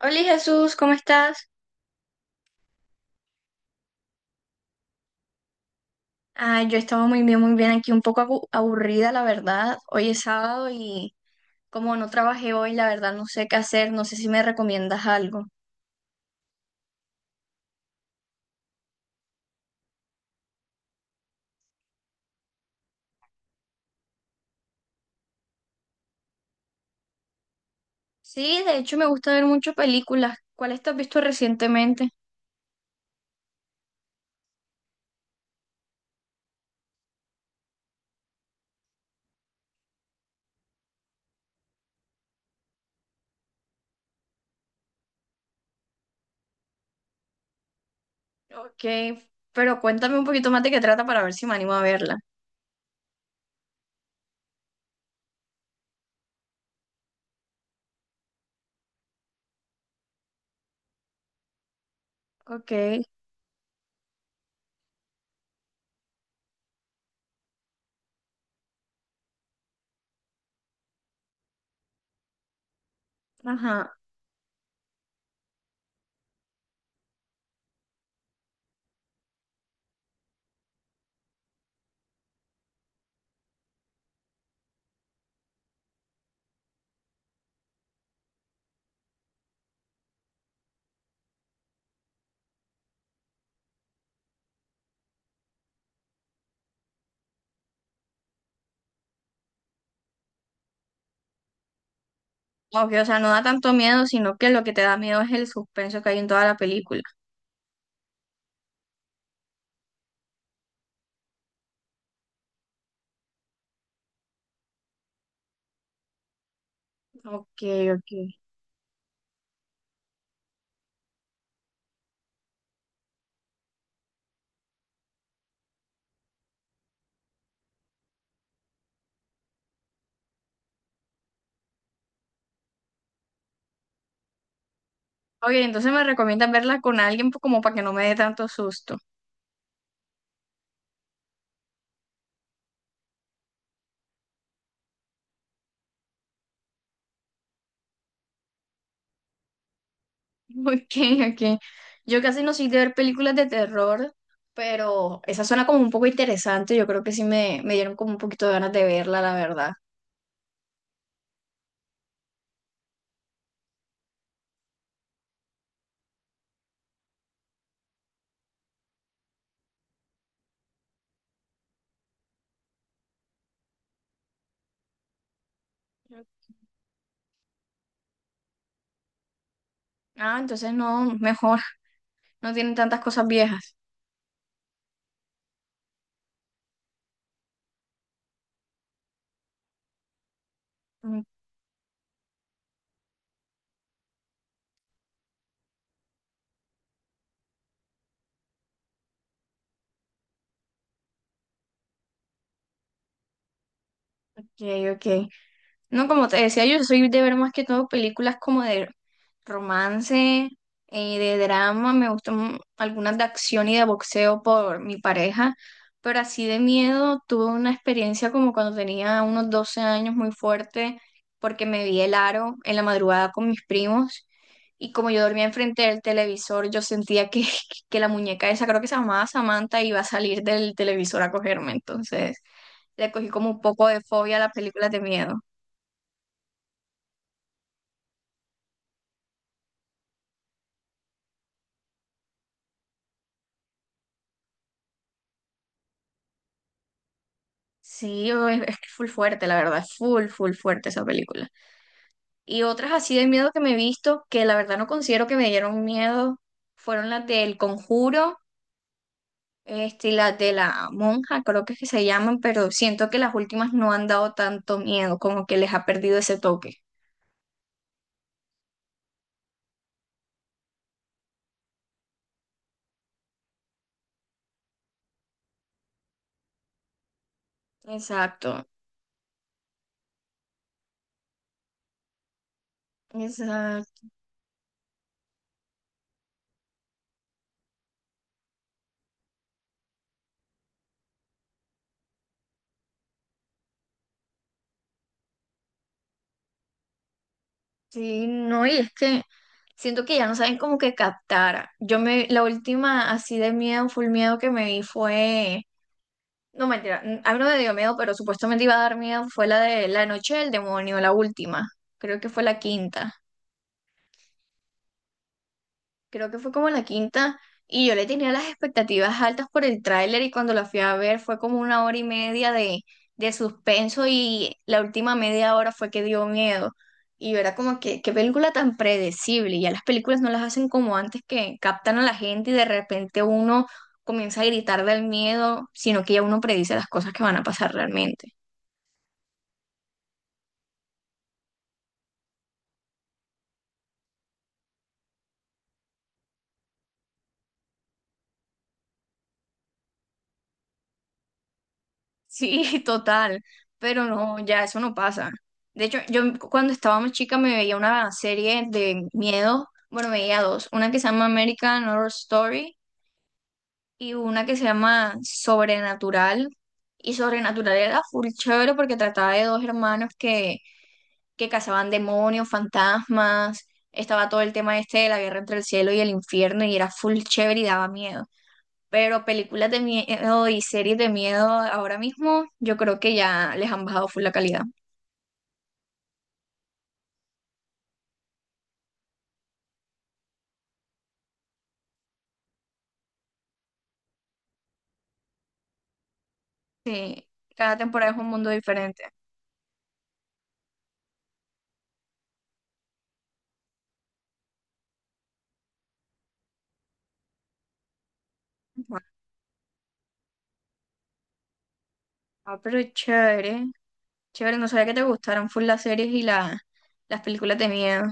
Hola Jesús, ¿cómo estás? Ah, yo estaba muy bien aquí, un poco aburrida, la verdad. Hoy es sábado y como no trabajé hoy, la verdad no sé qué hacer, no sé si me recomiendas algo. Sí, de hecho me gusta ver muchas películas. ¿Cuáles te has visto recientemente? Ok, pero cuéntame un poquito más de qué trata para ver si me animo a verla. Ok, ajá. Ok, o sea, no da tanto miedo, sino que lo que te da miedo es el suspenso que hay en toda la película. Ok, ok. Ok, entonces me recomiendas verla con alguien como para que no me dé tanto susto. Ok, ok. Yo casi no soy de ver películas de terror, pero esa suena como un poco interesante. Yo creo que sí me dieron como un poquito de ganas de verla, la verdad. Ah, entonces no, mejor. No tienen tantas cosas viejas. Ok, ok. No, como te decía, yo soy de ver más que todo películas como de romance, de drama, me gustan algunas de acción y de boxeo por mi pareja, pero así de miedo tuve una experiencia como cuando tenía unos 12 años muy fuerte, porque me vi el aro en la madrugada con mis primos y como yo dormía enfrente del televisor, yo sentía que, que la muñeca esa, creo que se llamaba Samantha, iba a salir del televisor a cogerme, entonces le cogí como un poco de fobia a las películas de miedo. Sí, es que es full fuerte, la verdad, es full, full fuerte esa película. Y otras así de miedo que me he visto, que la verdad no considero que me dieron miedo, fueron las del Conjuro, este, y las de la monja, creo que es que se llaman, pero siento que las últimas no han dado tanto miedo, como que les ha perdido ese toque. Exacto, exacto. Sí, no, y es que siento que ya no saben como que captar. La última así de miedo, full miedo que me vi fue no, mentira. A mí no me dio miedo, pero supuestamente iba a dar miedo. Fue la de La Noche del Demonio, la última. Creo que fue la quinta. Creo que fue como la quinta. Y yo le tenía las expectativas altas por el tráiler y cuando la fui a ver fue como una hora y media de suspenso y la última media hora fue que dio miedo. Y yo era como que, qué película tan predecible. Y ya las películas no las hacen como antes, que captan a la gente y de repente uno comienza a gritar del miedo, sino que ya uno predice las cosas que van a pasar realmente. Sí, total, pero no, ya eso no pasa. De hecho, yo cuando estaba más chica me veía una serie de miedo, bueno, me veía dos, una que se llama American Horror Story y una que se llama Sobrenatural. Y Sobrenatural era full chévere porque trataba de dos hermanos que cazaban demonios, fantasmas, estaba todo el tema este de la guerra entre el cielo y el infierno y era full chévere y daba miedo. Pero películas de miedo y series de miedo ahora mismo, yo creo que ya les han bajado full la calidad. Sí, cada temporada es un mundo diferente. Ujú. Ah, pero chévere, chévere, no sabía que te gustaran full las series y las películas de miedo.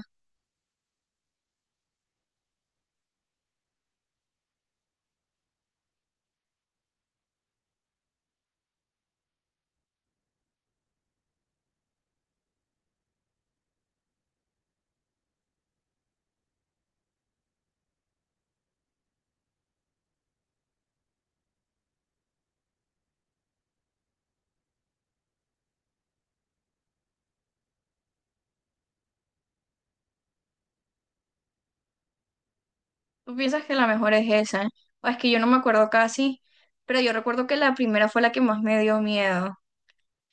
¿Tú piensas que la mejor es esa? O es que yo no me acuerdo casi, pero yo recuerdo que la primera fue la que más me dio miedo.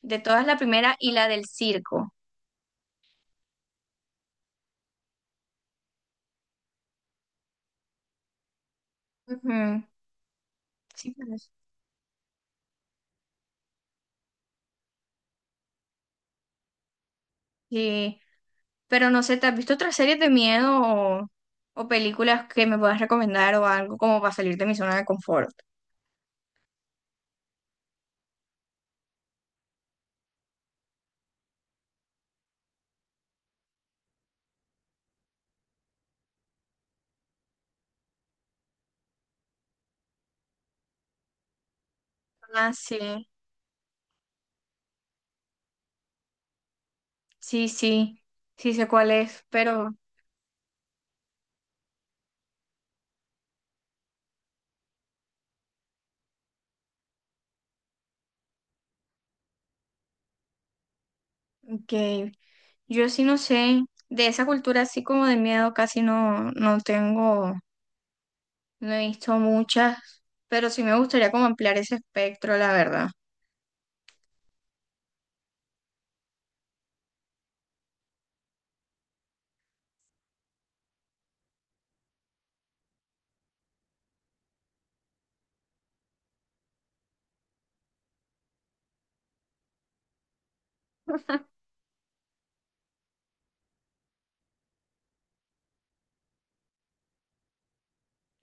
De todas, la primera y la del circo. Ujú, sí, pues, sí. Pero no sé, ¿te has visto otras series de miedo o películas que me puedas recomendar o algo como para salir de mi zona de confort? Ah, sí, sí, sí, sí sé cuál es, pero que yo sí no sé, de esa cultura así como de miedo casi no, no tengo, no he visto muchas, pero sí me gustaría como ampliar ese espectro, la verdad.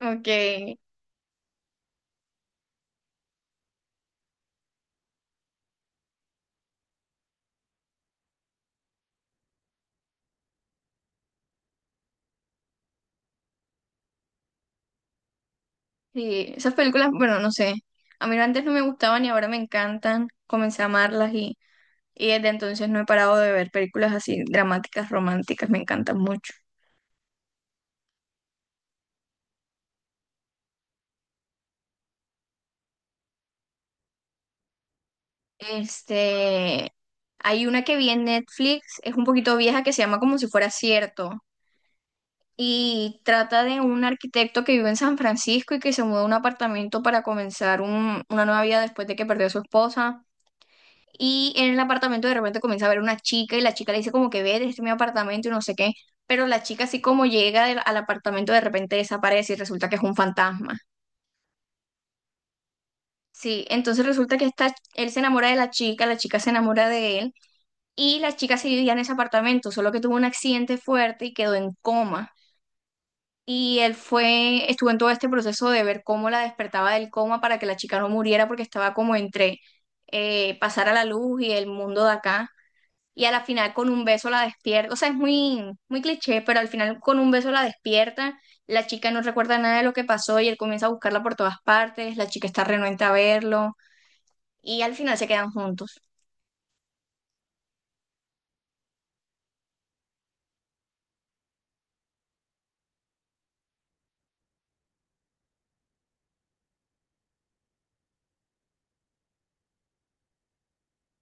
Ok, sí, esas películas, bueno, no sé, a mí antes no me gustaban y ahora me encantan, comencé a amarlas. Y desde entonces no he parado de ver películas así dramáticas, románticas, me encantan mucho. Este, hay una que vi en Netflix, es un poquito vieja, que se llama Como si fuera cierto. Y trata de un arquitecto que vive en San Francisco y que se mudó a un apartamento para comenzar una nueva vida después de que perdió a su esposa. Y en el apartamento de repente comienza a ver una chica y la chica le dice como que ve, este es mi apartamento y no sé qué. Pero la chica así como llega al apartamento de repente desaparece y resulta que es un fantasma. Sí, entonces resulta que él se enamora de la chica se enamora de él y la chica se vivía en ese apartamento, solo que tuvo un accidente fuerte y quedó en coma. Y él fue, estuvo en todo este proceso de ver cómo la despertaba del coma para que la chica no muriera porque estaba como entre pasar a la luz y el mundo de acá. Y a la final con un beso la despierta, o sea, es muy, muy cliché, pero al final con un beso la despierta, la chica no recuerda nada de lo que pasó y él comienza a buscarla por todas partes, la chica está renuente a verlo y al final se quedan juntos.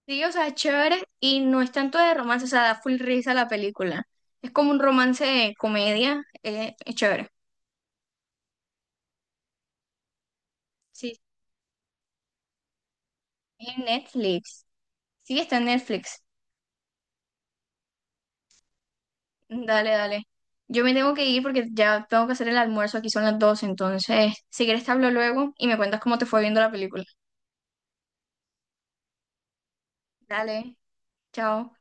Sí, o sea, es chévere y no es tanto de romance, o sea, da full risa la película. Es como un romance de comedia, es chévere. Sí, en Netflix. Sí, está en Netflix. Dale, dale. Yo me tengo que ir porque ya tengo que hacer el almuerzo, aquí son las 12, entonces, si quieres te hablo luego y me cuentas cómo te fue viendo la película. Dale, chao.